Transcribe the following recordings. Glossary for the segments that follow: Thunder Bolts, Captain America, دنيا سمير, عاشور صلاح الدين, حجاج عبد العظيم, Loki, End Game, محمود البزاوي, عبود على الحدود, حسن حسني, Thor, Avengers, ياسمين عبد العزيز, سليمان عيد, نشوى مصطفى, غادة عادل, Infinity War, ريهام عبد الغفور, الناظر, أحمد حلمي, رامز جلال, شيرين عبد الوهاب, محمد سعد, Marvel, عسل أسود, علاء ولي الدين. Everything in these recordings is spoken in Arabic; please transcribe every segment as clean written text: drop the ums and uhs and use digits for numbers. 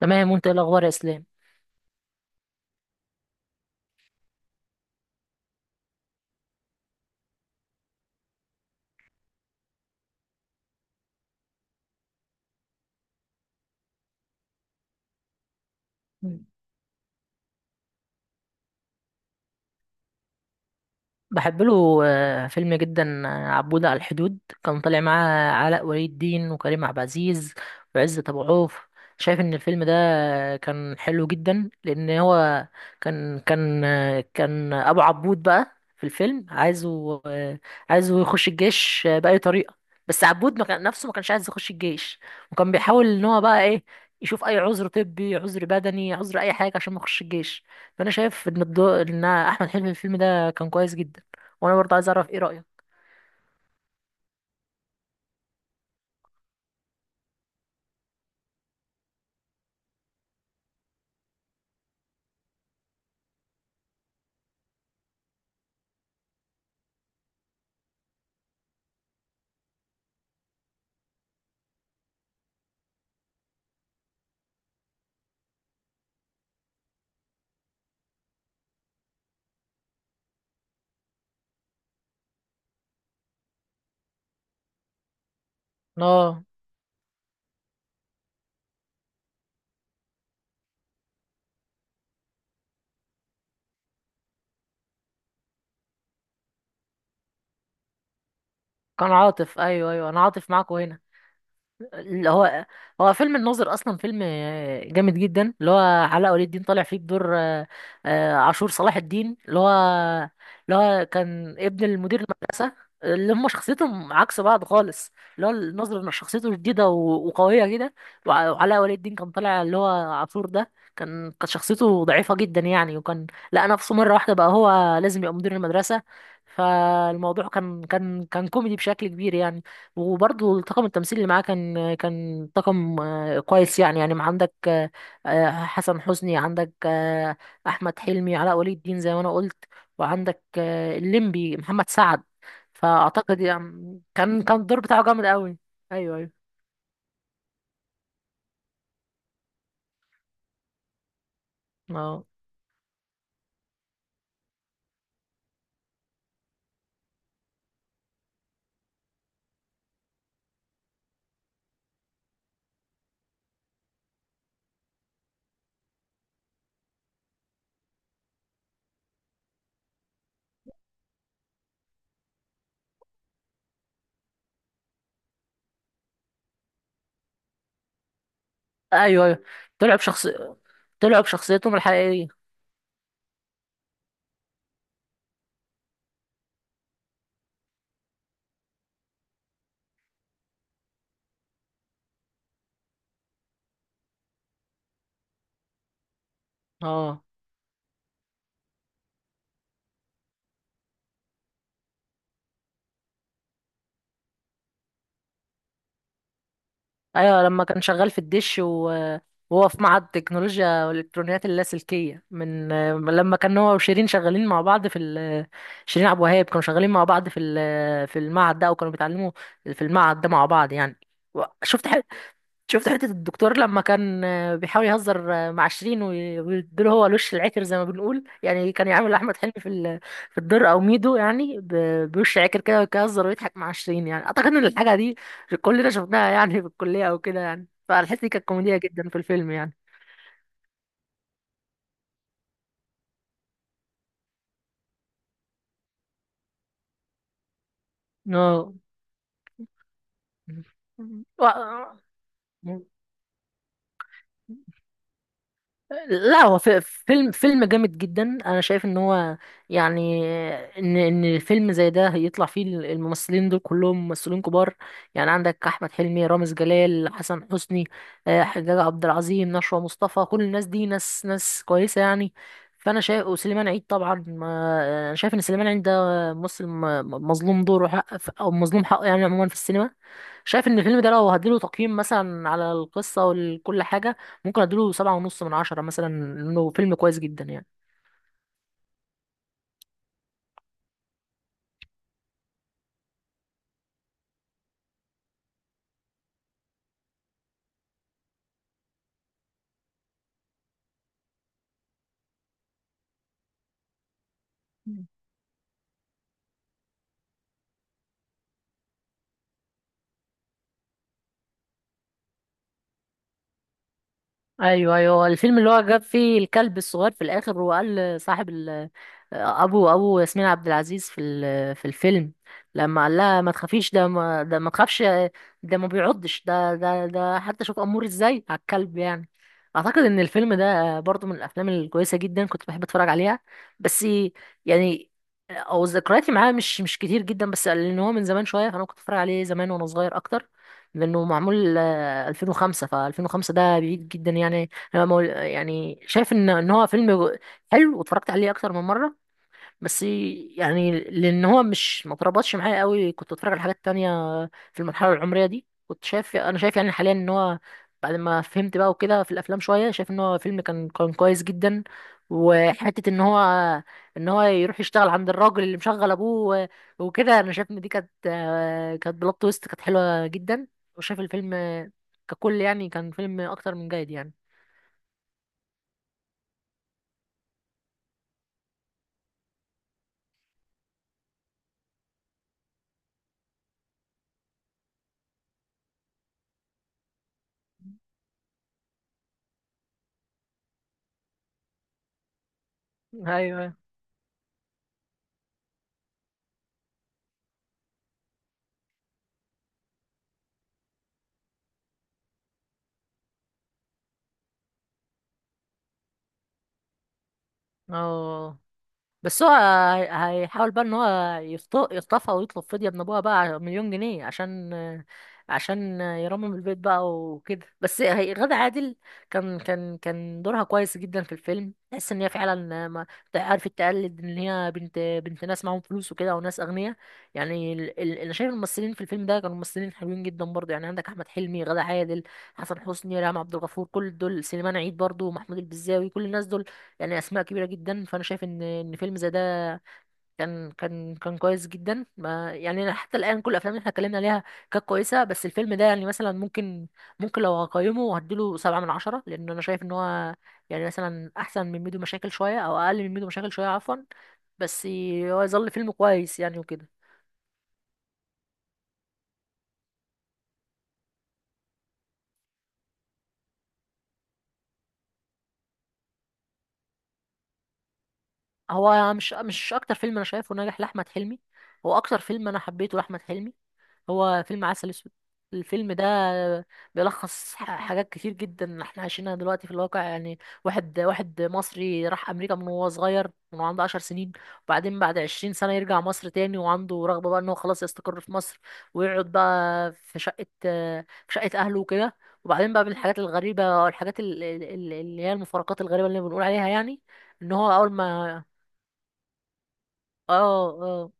تمام وانت ايه الاخبار يا اسلام. مم. بحب له فيلم جدا عبود على الحدود. كان طالع معاه علاء ولي الدين وكريم عبد العزيز وعزت ابو عوف. شايف ان الفيلم ده كان حلو جدا لان هو كان كان كان ابو عبود بقى في الفيلم عايزه يخش الجيش باي طريقه، بس عبود ما كان نفسه، ما كانش عايز يخش الجيش، وكان بيحاول ان هو بقى ايه، يشوف اي عذر طبي، عذر بدني، عذر اي حاجه عشان ما يخش الجيش. فانا شايف ان ان احمد حلمي في الفيلم ده كان كويس جدا، وانا برضه عايز اعرف ايه رايك. اه، كان عاطف، ايوه ايوه، انا عاطف معاكم هنا. اللي هو، هو فيلم الناظر اصلا فيلم جامد جدا، اللي هو علاء ولي الدين طالع فيه بدور عاشور صلاح الدين، اللي هو كان ابن المدير المدرسه. اللي هم شخصيتهم عكس بعض خالص، اللي هو الناظر شخصيته شديده وقويه كده. وعلاء ولي الدين كان طالع اللي هو عاشور ده، كانت شخصيته ضعيفه جدا يعني، وكان لقى نفسه مره واحده بقى هو لازم يبقى مدير المدرسه. فالموضوع كان كوميدي بشكل كبير يعني. وبرضه طاقم التمثيل اللي معاه كان طاقم كويس يعني، يعني ما عندك، حسن حسني، عندك احمد حلمي، علاء ولي الدين زي ما انا قلت، وعندك الليمبي محمد سعد. فاعتقد يعني كان الدور بتاعه جامد قوي. ايوه ايوه. اه، ايوه ايوه. طلع بشخص طلع بشخصيتهم الحقيقيه. اه، ايوه، لما كان شغال في الدش، وهو في معهد تكنولوجيا والالكترونيات اللاسلكيه من لما كان هو وشيرين شغالين مع بعض في شيرين عبد الوهاب، كانوا شغالين مع بعض في في المعهد ده، او كانوا بيتعلموا في المعهد ده مع بعض يعني. و- شفت شفت حتة الدكتور لما كان بيحاول يهزر مع شيرين، ويديله هو الوش العكر زي ما بنقول، يعني كان يعمل أحمد حلمي في في الدور أو ميدو يعني، بوش عكر كده، ويهزر ويضحك مع شيرين. يعني أعتقد إن الحاجة دي كلنا شفناها يعني في الكلية أو كده يعني، فالحتة دي كانت كوميدية جدا في الفيلم يعني. اه. و... لا، هو فيلم جامد جدا، انا شايف ان هو يعني، ان فيلم زي ده يطلع فيه الممثلين دول كلهم ممثلين كبار يعني، عندك احمد حلمي، رامز جلال، حسن حسني، حجاج عبد العظيم، نشوى مصطفى، كل الناس دي ناس ناس كويسه يعني. فانا شايف، وسليمان عيد طبعا انا شايف ان سليمان عيد ده ممثل مظلوم دوره حق، او مظلوم حقه يعني، عموما في السينما. شايف ان الفيلم ده لو هديله تقييم مثلا على القصه وكل حاجه، ممكن اديله سبعة ونص من عشرة مثلا، لانه فيلم كويس جدا يعني. ايوه ايوه. الفيلم اللي هو جاب فيه الكلب الصغير في الاخر، وقال لصاحب ابو ياسمين عبد العزيز في في الفيلم، لما قال لها ما تخافيش، ده ما تخافش، ده ما بيعضش، ده حتى شوف امور ازاي على الكلب يعني. اعتقد ان الفيلم ده برضو من الافلام الكويسه جدا، كنت بحب اتفرج عليها، بس يعني، او ذكرياتي معاه مش كتير جدا، بس لان هو من زمان شويه، فانا كنت اتفرج عليه زمان وانا صغير اكتر، لانه معمول 2005. ف 2005 ده بعيد جدا يعني، انا يعني شايف ان هو فيلم حلو، واتفرجت عليه اكتر من مره. بس يعني، لان هو مش، ما تربطش معايا قوي، كنت اتفرج على حاجات تانية في المرحله العمريه دي. كنت شايف، انا شايف يعني حاليا، ان هو بعد ما فهمت بقى وكده في الافلام شويه، شايف ان هو فيلم كان كويس جدا. وحته ان هو، ان هو يروح يشتغل عند الراجل اللي مشغل ابوه وكده، انا شايف ان دي كانت، كانت بلوت تويست كانت حلوه جدا. وشايف الفيلم ككل يعني كان فيلم اكتر من جيد يعني. ايوه. اه. بس هو هيحاول بقى ان هو يخطفها ويطلب فدية من ابوها بقى مليون جنيه عشان، عشان يرمم البيت بقى وكده. بس هي غادة عادل كان دورها كويس جدا في الفيلم، تحس ان هي فعلا ما عرفت تقلد ان هي بنت، بنت ناس معاهم فلوس وكده، وناس اغنياء يعني. انا شايف الممثلين في الفيلم ده كانوا ممثلين حلوين جدا برضه، يعني عندك احمد حلمي، غادة عادل، حسن حسني، ريهام عبد الغفور، كل دول، سليمان عيد برضه، محمود البزاوي، كل الناس دول يعني اسماء كبيره جدا. فانا شايف ان فيلم زي ده كان كويس جدا، ما يعني أنا حتى الان كل الافلام اللي احنا اتكلمنا عليها كانت كويسه، بس الفيلم ده يعني مثلا ممكن، لو هقيمه هديله سبعة من عشرة، لان انا شايف ان هو يعني، مثلا احسن من ميدو مشاكل شويه، او اقل من ميدو مشاكل شويه عفوا. بس هو يظل فيلم كويس يعني وكده. هو مش اكتر فيلم انا شايفه ناجح لاحمد حلمي، هو اكتر فيلم انا حبيته لاحمد حلمي، هو فيلم عسل اسود. الفيلم ده بيلخص حاجات كتير جدا احنا عايشينها دلوقتي في الواقع، يعني واحد مصري راح امريكا من وهو صغير، من وهو عنده 10 سنين، وبعدين بعد 20 سنة يرجع مصر تاني، وعنده رغبة بقى ان هو خلاص يستقر في مصر، ويقعد بقى في شقة، في شقة اهله وكده. وبعدين بقى من الحاجات الغريبة، او الحاجات اللي هي المفارقات الغريبة اللي بنقول عليها يعني، ان هو اول ما. اه، اه،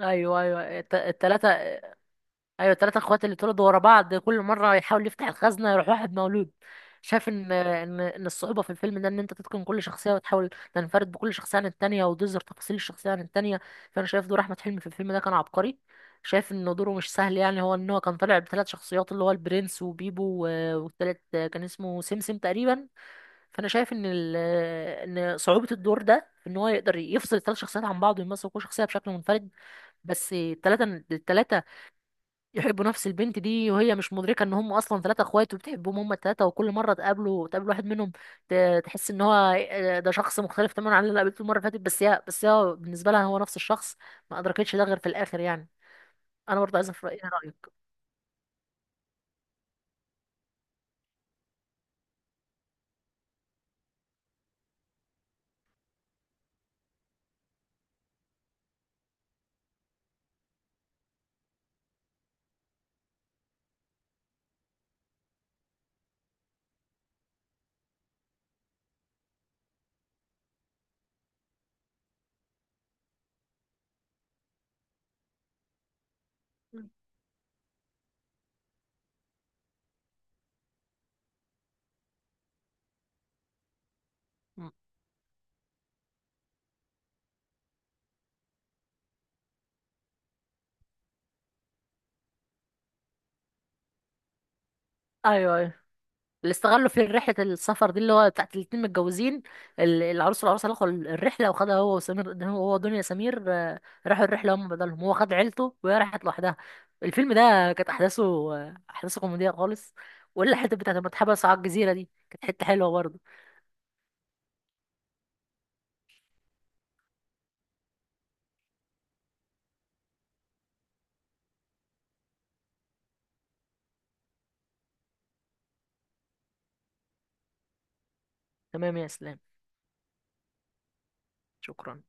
ايوه ايوه. التلاتة، ايوه، التلاتة اخوات اللي اتولدوا ورا بعض، كل مره يحاول يفتح الخزنه يروح واحد مولود. شايف ان الصعوبه في الفيلم ده، ان انت تتقن كل شخصيه وتحاول تنفرد بكل شخصيه عن التانية، وتظهر تفاصيل الشخصيه عن التانية. فانا شايف دور احمد حلمي في الفيلم ده كان عبقري، شايف ان دوره مش سهل يعني، هو ان هو كان طالع بثلاث شخصيات، اللي هو البرنس وبيبو والتالت كان اسمه سمسم تقريبا. فانا شايف ان صعوبه الدور ده في ان هو يقدر يفصل الثلاث شخصيات عن بعض ويمثل كل شخصيه بشكل منفرد. بس الثلاثه يحبوا نفس البنت دي، وهي مش مدركه ان هم اصلا ثلاثه اخوات وبتحبهم هم الثلاثه، وكل مره تقابله تقابل واحد منهم، تحس ان هو ده شخص مختلف تماما عن اللي قابلته المره اللي فاتت. بس هي، بالنسبه لها هو نفس الشخص، ما ادركتش ده غير في الاخر يعني. انا برضه عايز اعرف رايك، إيه رأيك؟ م. ايوه ايوه. اللي استغلوا في رحلة السفر دي، اللي هو بتاعت الاتنين متجوزين، العروس والعروسة اللي اخدوا الرحلة، وخدها هو وسمير، هو دنيا سمير راحوا الرحلة هم بدلهم، هو خد عيلته وهي راحت لوحدها. الفيلم ده كانت أحداثه، أحداثه كوميدية خالص، ولا الحتة بتاعت لما اتحبسوا على الجزيرة دي كانت حتة حلوة برضه. تمام يا إسلام. شكرا.